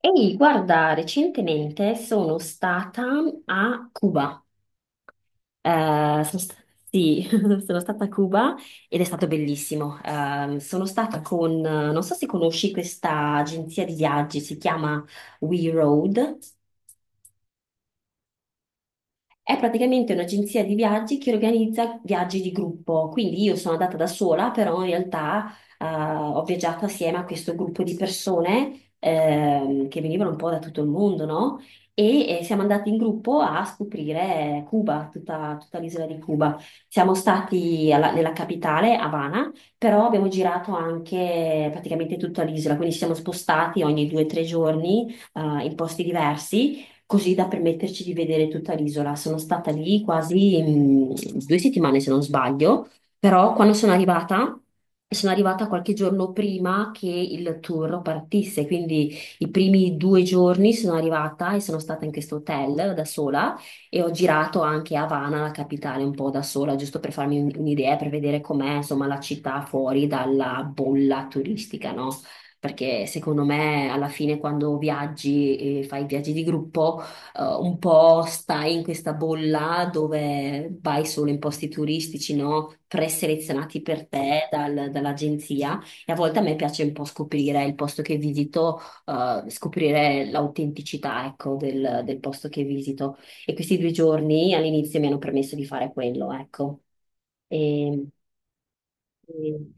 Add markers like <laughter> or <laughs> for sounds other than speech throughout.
Ehi, guarda, recentemente sono stata a Cuba. Eh, sono sta- sì, <laughs> sono stata a Cuba ed è stato bellissimo. Sono stata con, non so se conosci questa agenzia di viaggi, si chiama We Road. È praticamente un'agenzia di viaggi che organizza viaggi di gruppo, quindi io sono andata da sola, però in realtà ho viaggiato assieme a questo gruppo di persone che venivano un po' da tutto il mondo, no? E siamo andati in gruppo a scoprire Cuba, tutta l'isola di Cuba. Siamo stati nella capitale, Havana, però abbiamo girato anche praticamente tutta l'isola, quindi ci siamo spostati ogni 2 o 3 giorni in posti diversi così da permetterci di vedere tutta l'isola. Sono stata lì quasi 2 settimane, se non sbaglio, però quando sono arrivata qualche giorno prima che il tour partisse, quindi i primi 2 giorni sono arrivata e sono stata in questo hotel da sola e ho girato anche Havana, la capitale, un po' da sola, giusto per farmi un'idea, per vedere com'è, insomma, la città fuori dalla bolla turistica, no? Perché secondo me alla fine quando viaggi e fai viaggi di gruppo, un po' stai in questa bolla dove vai solo in posti turistici, no? Preselezionati per te dall'agenzia. E a volte a me piace un po' scoprire il posto che visito, scoprire l'autenticità, ecco, del, del posto che visito. E questi 2 giorni all'inizio mi hanno permesso di fare quello, ecco. E, e-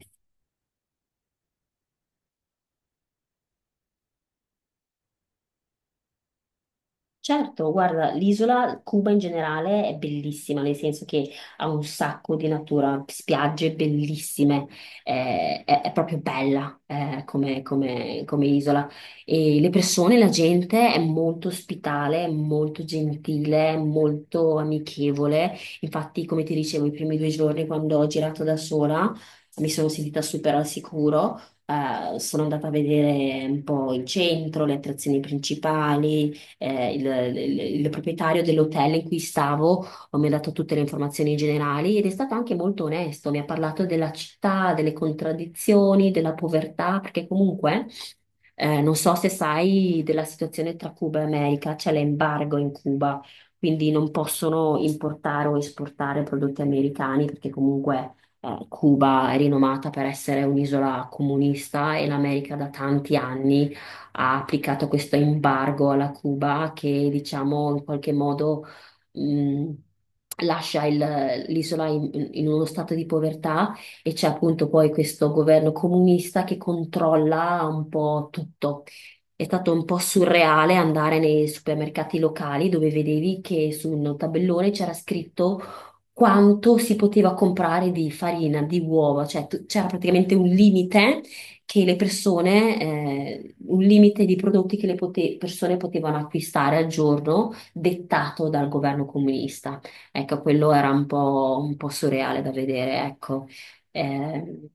Certo, guarda, l'isola Cuba in generale è bellissima, nel senso che ha un sacco di natura, spiagge bellissime, è proprio bella come isola. E le persone, la gente è molto ospitale, è molto gentile, è molto amichevole. Infatti, come ti dicevo, i primi 2 giorni quando ho girato da sola mi sono sentita super al sicuro. Sono andata a vedere un po' il centro, le attrazioni principali eh, il, il- il proprietario dell'hotel in cui stavo mi ha dato tutte le informazioni generali ed è stato anche molto onesto, mi ha parlato della città, delle contraddizioni, della povertà, perché comunque non so se sai della situazione tra Cuba e America, c'è l'embargo in Cuba, quindi non possono importare o esportare prodotti americani perché comunque... Cuba è rinomata per essere un'isola comunista e l'America da tanti anni ha applicato questo embargo alla Cuba che diciamo in qualche modo mh, lascia l'isola in uno stato di povertà e c'è appunto poi questo governo comunista che controlla un po' tutto. È stato un po' surreale andare nei supermercati locali dove vedevi che su un tabellone c'era scritto quanto si poteva comprare di farina, di uova, cioè c'era praticamente un limite che le persone, un limite di prodotti che le persone potevano acquistare al giorno, dettato dal governo comunista. Ecco, quello era un po' surreale da vedere, ecco. Eh,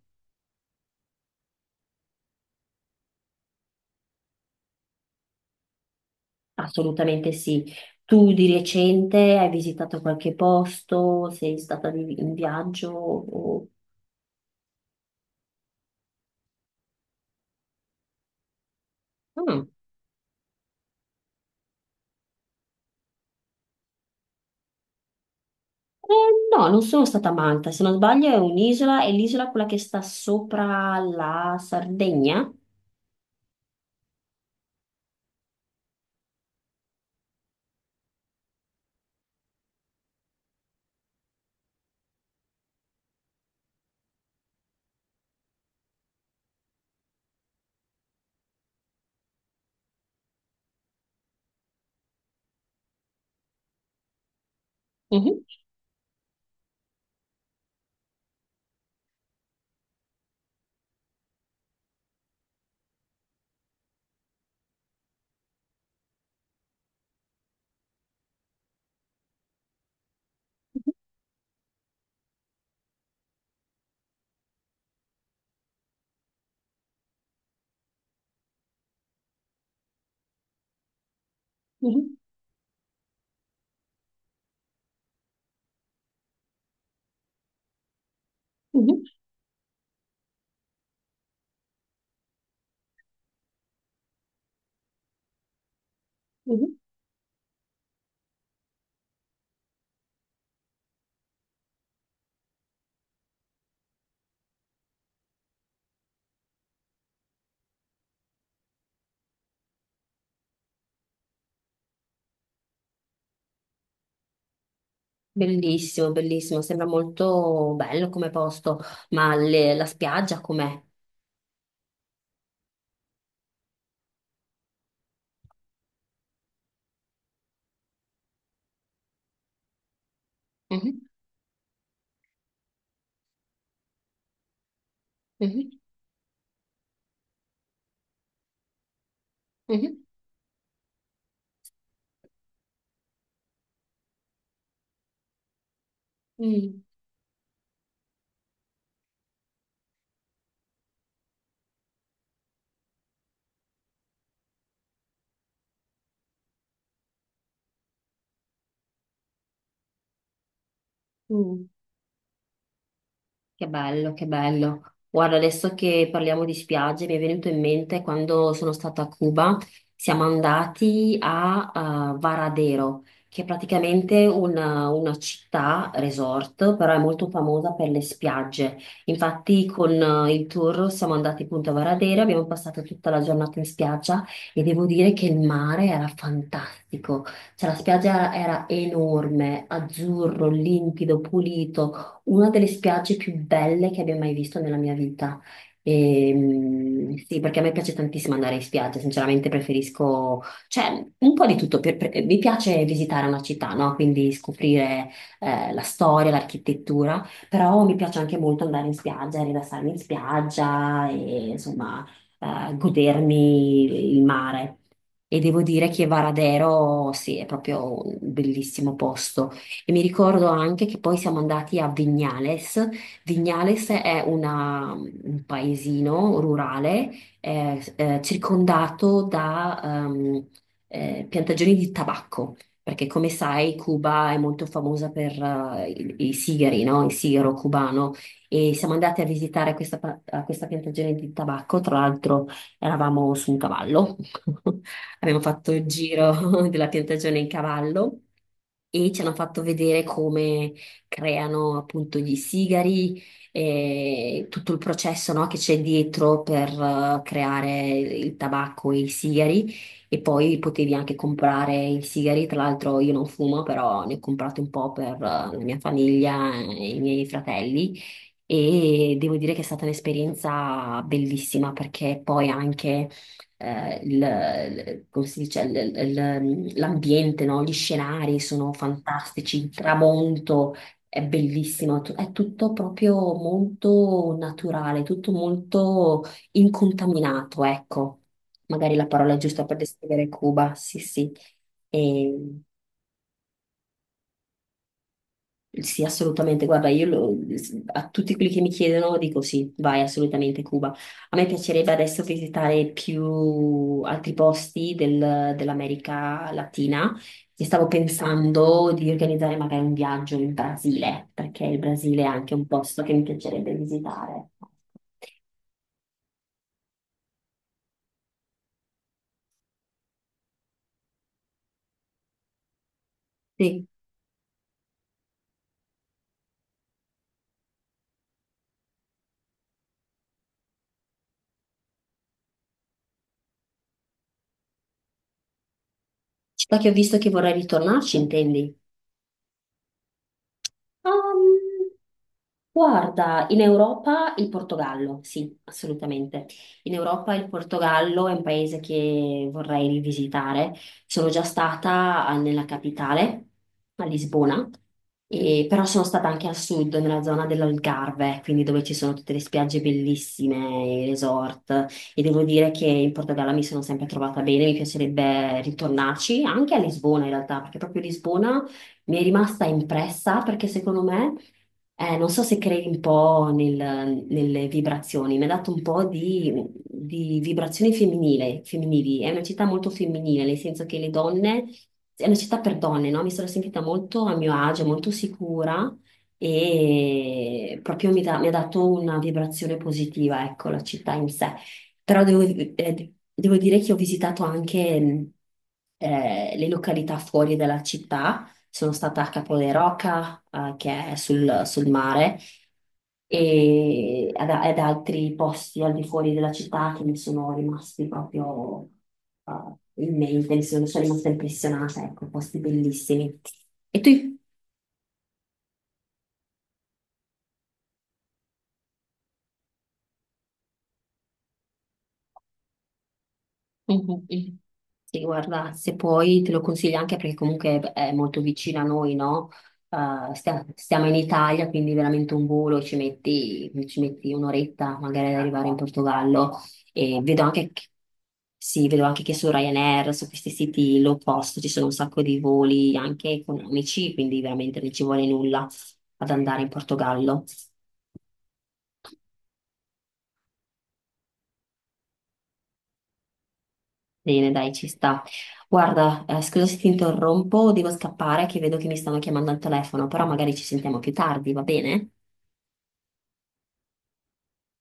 assolutamente sì. Tu di recente hai visitato qualche posto? Sei stata in viaggio? Mm. Eh, no, non sono stata a Malta, se non sbaglio è un'isola, è l'isola quella che sta sopra la Sardegna. Mhm, mhm, mhm, mhm. Bellissimo, bellissimo, sembra molto bello come posto, ma la spiaggia com'è? Mhm, mhm, mhm, mm, mm. Che bello, che bello. Guarda, adesso che parliamo di spiagge, mi è venuto in mente quando sono stata a Cuba, siamo andati a Varadero, che è praticamente una città resort, però è molto famosa per le spiagge. Infatti, con il tour siamo andati appunto a Varadero, abbiamo passato tutta la giornata in spiaggia e devo dire che il mare era fantastico. Cioè, la spiaggia era enorme, azzurro, limpido, pulito, una delle spiagge più belle che abbia mai visto nella mia vita. E, sì, perché a me piace tantissimo andare in spiaggia, sinceramente preferisco, cioè, un po' di tutto. Mi piace visitare una città, no? Quindi scoprire la storia, l'architettura, però mi piace anche molto andare in spiaggia, rilassarmi in spiaggia e insomma godermi il mare. E devo dire che Varadero, sì, è proprio un bellissimo posto. E mi ricordo anche che poi siamo andati a Vignales. Vignales è un paesino rurale circondato da piantagioni di tabacco. Perché come sai, Cuba è molto famosa per i sigari, no? Il sigaro cubano. E siamo andati a visitare a questa piantagione di tabacco. Tra l'altro, eravamo su un cavallo. <laughs> Abbiamo fatto il giro <laughs> della piantagione in cavallo e ci hanno fatto vedere come creano appunto gli sigari e tutto il processo, no, che c'è dietro per creare il tabacco e i sigari. E poi potevi anche comprare i sigari, tra l'altro io non fumo, però ne ho comprati un po' per la mia famiglia e i miei fratelli e devo dire che è stata un'esperienza bellissima perché poi anche come si dice, l'ambiente, no? Gli scenari sono fantastici, il tramonto è bellissimo, è tutto proprio molto naturale, tutto molto incontaminato, ecco. Magari la parola è giusta per descrivere Cuba, sì, sì. Ehm, sì, assolutamente. Guarda, io a tutti quelli che mi chiedono dico sì, vai assolutamente Cuba. A me piacerebbe adesso visitare più altri posti dell'America Latina e stavo pensando di organizzare magari un viaggio in Brasile, perché il Brasile è anche un posto che mi piacerebbe visitare. Sì, città che ho visto che vorrei ritornarci, intendi? Guarda, in Europa il Portogallo, sì, assolutamente. In Europa il Portogallo è un paese che vorrei rivisitare. Sono già stata nella capitale, a Lisbona, però sono stata anche a sud, nella zona dell'Algarve, quindi dove ci sono tutte le spiagge bellissime, i resort, e devo dire che in Portogallo mi sono sempre trovata bene, mi piacerebbe ritornarci, anche a Lisbona in realtà, perché proprio Lisbona mi è rimasta impressa perché secondo me... non so se credi un po' nelle vibrazioni, mi ha dato un po' di vibrazioni femminile, femminili. È una città molto femminile, nel senso che le donne, è una città per donne, no? Mi sono sentita molto a mio agio, molto sicura e proprio mi ha dato una vibrazione positiva, ecco, la città in sé. Però devo, devo dire che ho visitato anche le località fuori dalla città sono stata a Capo de Roca, che è sul mare, e ad altri posti al di fuori della città che mi sono rimasti proprio in mente, mi sono rimasta impressionata, ecco, posti bellissimi. E tu? Mhm. Mhm. Sì, guarda, se puoi te lo consiglio anche perché comunque è molto vicino a noi, no? Stiamo in Italia, quindi veramente un volo ci metti un'oretta magari ad arrivare in Portogallo e vedo anche che, sì, vedo anche che su Ryanair, su questi siti low cost ci sono un sacco di voli anche economici, quindi veramente non ci vuole nulla ad andare in Portogallo. Bene, dai, ci sta. Guarda, scusa se ti interrompo, devo scappare che vedo che mi stanno chiamando al telefono, però magari ci sentiamo più tardi, va bene?